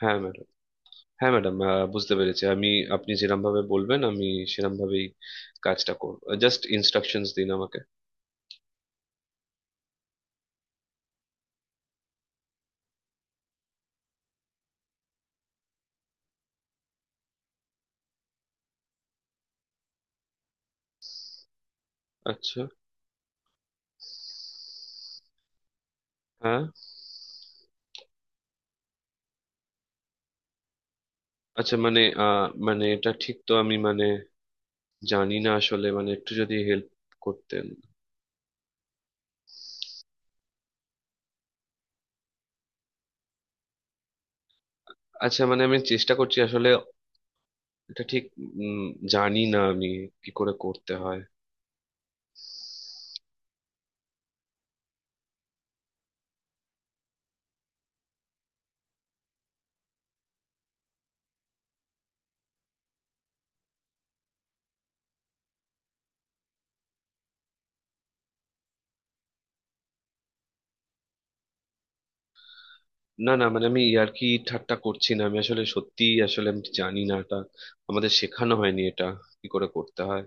হ্যাঁ ম্যাডাম, হ্যাঁ ম্যাডাম, বুঝতে পেরেছি আমি। আপনি যেরকম ভাবে বলবেন আমি সেরকম ভাবেই কাজটা করব। জাস্ট ইনস্ট্রাকশনস দিন আমাকে। আচ্ছা। হ্যাঁ। আচ্ছা, মানে মানে এটা ঠিক তো, আমি মানে জানি না আসলে, মানে একটু যদি হেল্প করতেন। আচ্ছা, মানে আমি চেষ্টা করছি আসলে, এটা ঠিক উম, জানি না আমি কি করে করতে হয়। না না, মানে আমি ইয়ার্কি ঠাট্টা করছি না। আমি আসলে সত্যি, আসলে আমি জানি না, এটা আমাদের শেখানো হয়নি, এটা কি করে করতে হয়।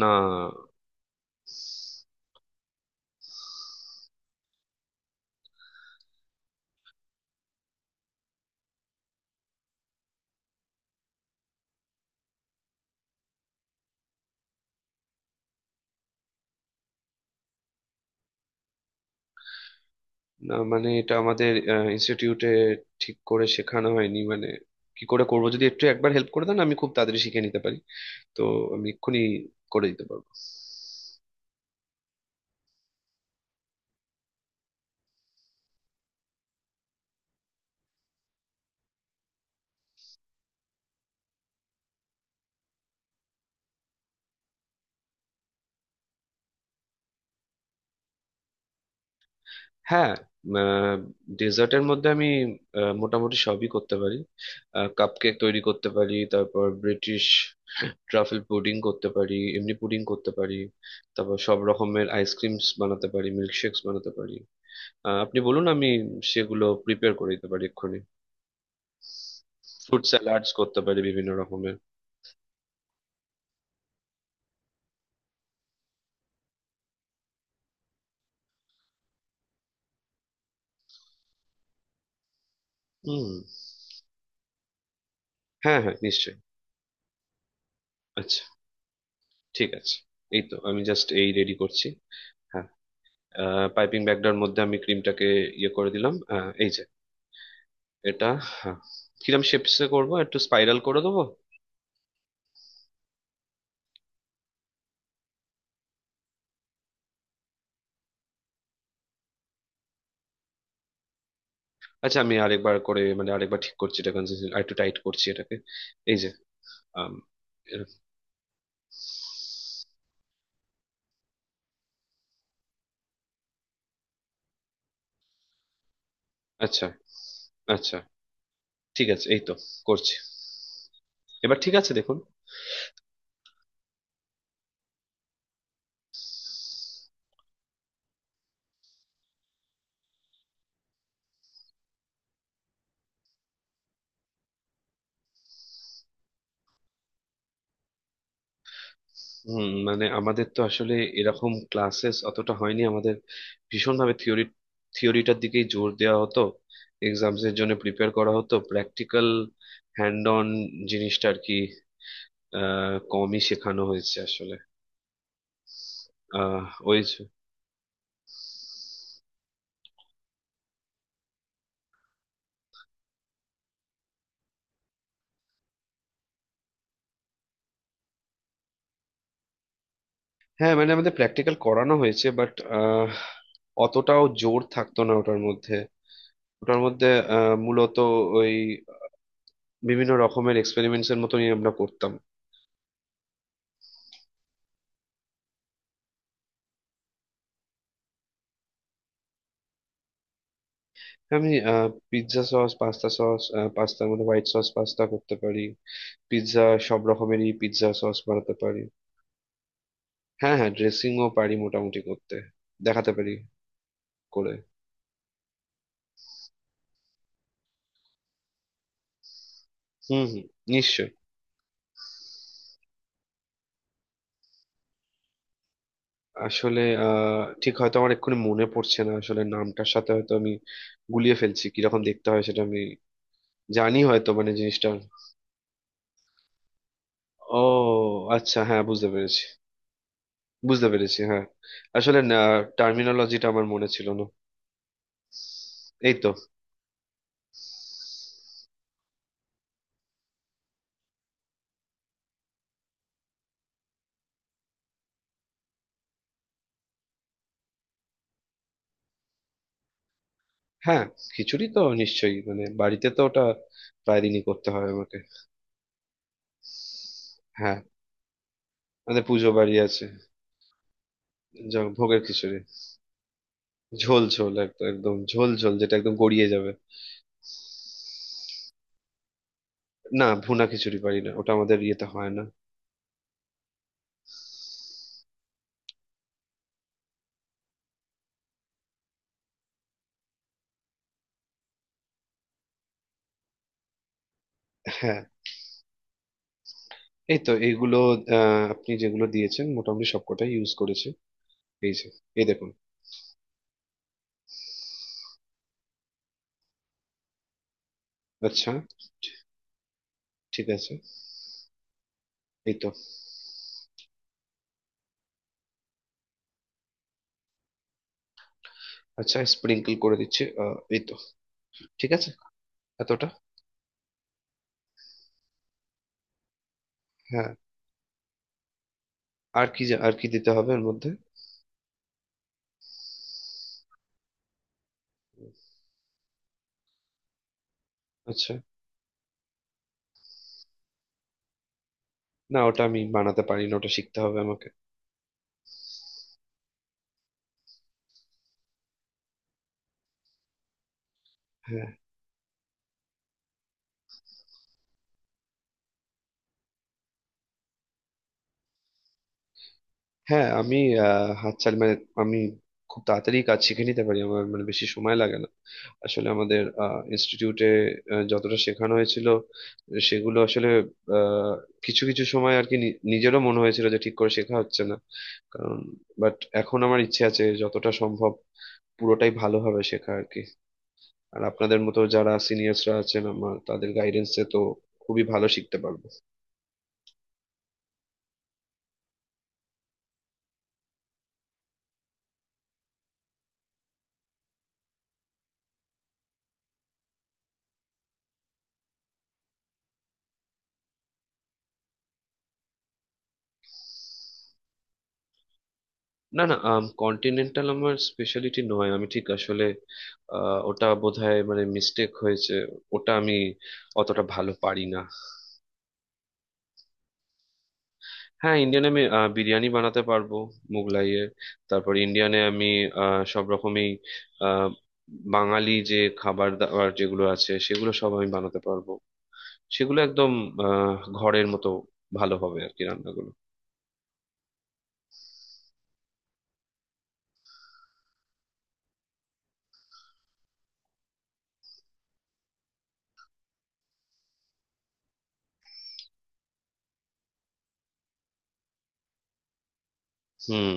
না না, মানে এটা আমাদের ইনস্টিটিউটে ঠিক করে শেখানো হয়নি, মানে কি করে করবো? যদি একটু একবার হেল্প করে দেন আমি খুব তাড়াতাড়ি শিখে নিতে পারি। তো আমি এক্ষুনি করে দিতে পারবো। হ্যাঁ। ডেজার্টের মধ্যে আমি মোটামুটি সবই করতে পারি। কাপকেক তৈরি করতে পারি, তারপর ব্রিটিশ ট্রাফেল পুডিং করতে পারি, এমনি পুডিং করতে পারি। তারপর সব রকমের আইসক্রিমস বানাতে পারি, মিল্কশেকস বানাতে পারি। আপনি বলুন, আমি সেগুলো প্রিপেয়ার করে দিতে পারি এক্ষুনি। ফ্রুট স্যালাডস করতে পারি বিভিন্ন রকমের। হুম। হ্যাঁ হ্যাঁ, নিশ্চয়ই। আচ্ছা। ঠিক আছে, এই তো আমি জাস্ট এই রেডি করছি। হ্যাঁ, পাইপিং ব্যাগটার মধ্যে আমি ক্রিমটাকে ইয়ে করে দিলাম। হ্যাঁ, এই যে এটা। হ্যাঁ, কিরম শেপসে করবো? একটু স্পাইরাল করে দেবো? আচ্ছা, আমি আরেকবার করে, মানে আরেকবার ঠিক করছি, এটা কনসিস্টেন্ট আর একটু টাইট করছি এটাকে। এই যে। আম, এরকম। আচ্ছা। আচ্ছা, ঠিক আছে, এই তো করছি। এবার ঠিক আছে, দেখুন। হুম, মানে আমাদের তো আসলে এরকম ক্লাসেস অতটা হয়নি। আমাদের ভীষণভাবে থিওরিটার দিকেই জোর দেওয়া হতো। এক্সামস এর জন্য প্রিপেয়ার করা হতো। প্র্যাকটিক্যাল, হ্যান্ড অন জিনিসটা আর কি কমই শেখানো হয়েছে আসলে। আহ ওই যে- হ্যাঁ, মানে আমাদের প্র্যাকটিক্যাল করানো হয়েছে বাট অতটাও জোর থাকতো না ওটার মধ্যে। ওটার মধ্যে মূলত ওই বিভিন্ন রকমের এক্সপেরিমেন্টস এর মতনই আমরা করতাম। আমি পিৎজা সস, পাস্তা সস, পাস্তার মধ্যে হোয়াইট সস পাস্তা করতে পারি, পিৎজা সব রকমেরই পিৎজা সস বানাতে পারি। হ্যাঁ হ্যাঁ, ড্রেসিংও পারি মোটামুটি করতে, দেখাতে পারি করে। হুম হুম, নিশ্চয়ই। আসলে ঠিক হয়তো আমার এক্ষুনি মনে পড়ছে না, আসলে নামটার সাথে হয়তো আমি গুলিয়ে ফেলছি। কিরকম দেখতে হয় সেটা আমি জানি হয়তো, মানে জিনিসটা। ও আচ্ছা, হ্যাঁ বুঝতে পেরেছি, বুঝতে পেরেছি হ্যাঁ। আসলে টার্মিনোলজিটা আমার মনে ছিল না। এই তো। হ্যাঁ, খিচুড়ি তো নিশ্চয়ই, মানে বাড়িতে তো ওটা প্রায় দিনই করতে হয় আমাকে। হ্যাঁ, আমাদের পুজো বাড়ি আছে। ভোগের খিচুড়ি। ঝোল ঝোল, একদম একদম ঝোল ঝোল, যেটা একদম গড়িয়ে যাবে। না, ভুনা খিচুড়ি পারি না, ওটা আমাদের ইয়েতে হয় না। হ্যাঁ, এই তো এইগুলো। আপনি যেগুলো দিয়েছেন মোটামুটি সবকটাই ইউজ করেছি। এই যে, এই দেখুন। আচ্ছা। ঠিক আছে, এই তো। আচ্ছা, স্প্রিঙ্কল করে দিচ্ছি এই তো। ঠিক আছে, এতটা? হ্যাঁ, আর কি দিতে হবে এর মধ্যে? আচ্ছা। না, ওটা আমি বানাতে পারি না, ওটা শিখতে হবে আমাকে। হ্যাঁ হ্যাঁ, আমি হাতছাড়া মানে আমি খুব তাড়াতাড়ি কাজ শিখে নিতে পারি, আমার মানে বেশি সময় লাগে না। আসলে আমাদের ইনস্টিটিউটে যতটা শেখানো হয়েছিল সেগুলো আসলে আহ, কিছু কিছু সময় আর কি নিজেরও মনে হয়েছিল যে ঠিক করে শেখা হচ্ছে না কারণ, বাট এখন আমার ইচ্ছে আছে যতটা সম্ভব পুরোটাই ভালোভাবে শেখা আর কি। আর আপনাদের মতো যারা সিনিয়র্সরা আছেন আমার, তাদের গাইডেন্সে তো খুবই ভালো শিখতে পারবো। না না, কন্টিনেন্টাল আমার স্পেশালিটি নয়। আমি ঠিক আসলে ওটা বোধহয় মানে মিস্টেক হয়েছে। ওটা আমি অতটা ভালো পারি না। হ্যাঁ, ইন্ডিয়ানে আমি বিরিয়ানি বানাতে পারবো, মুগলাইয়ের। তারপর ইন্ডিয়ানে আমি সব রকমই, আহ, বাঙালি যে খাবার দাবার যেগুলো আছে সেগুলো সব আমি বানাতে পারবো। সেগুলো একদম ঘরের মতো ভালো হবে আর কি রান্নাগুলো। হুম।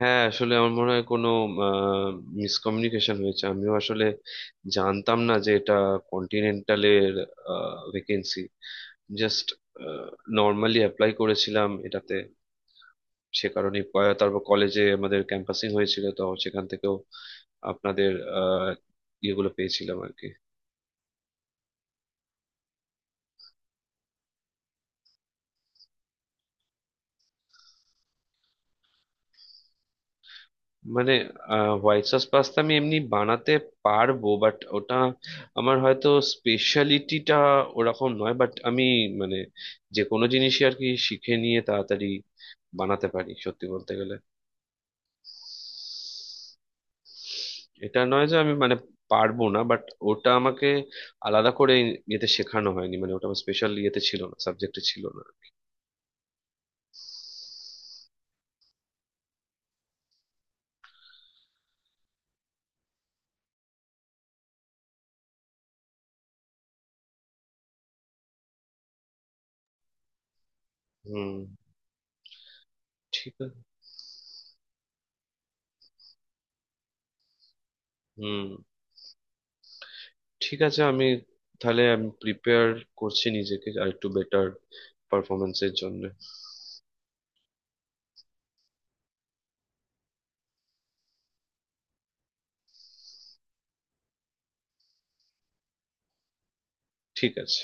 হ্যাঁ, আসলে আমার মনে হয় কোনো মিসকমিউনিকেশন হয়েছে। আমিও আসলে জানতাম না যে এটা কন্টিনেন্টালের ভেকেন্সি। জাস্ট নর্মালি অ্যাপ্লাই করেছিলাম এটাতে সে কারণে। তারপর কলেজে আমাদের ক্যাম্পাসিং হয়েছিল, তো সেখান থেকেও আপনাদের আহ, ইয়েগুলো পেয়েছিলাম আর কি। মানে হোয়াইট সস পাস্তা আমি এমনি বানাতে পারবো, বাট ওটা আমার হয়তো স্পেশালিটিটা ওরকম নয়। বাট আমি মানে যে কোনো জিনিসই আর কি শিখে নিয়ে তাড়াতাড়ি বানাতে পারি সত্যি বলতে গেলে। এটা নয় যে আমি মানে পারবো না, বাট ওটা আমাকে আলাদা করে ইয়েতে শেখানো হয়নি, মানে ওটা আমার স্পেশাল ইয়েতে ছিল না, সাবজেক্টে ছিল না। হুম। ঠিক আছে। হুম। ঠিক আছে, তাহলে আমি প্রিপেয়ার করছি নিজেকে আর একটু বেটার পারফরমেন্সের জন্য। ঠিক আছে।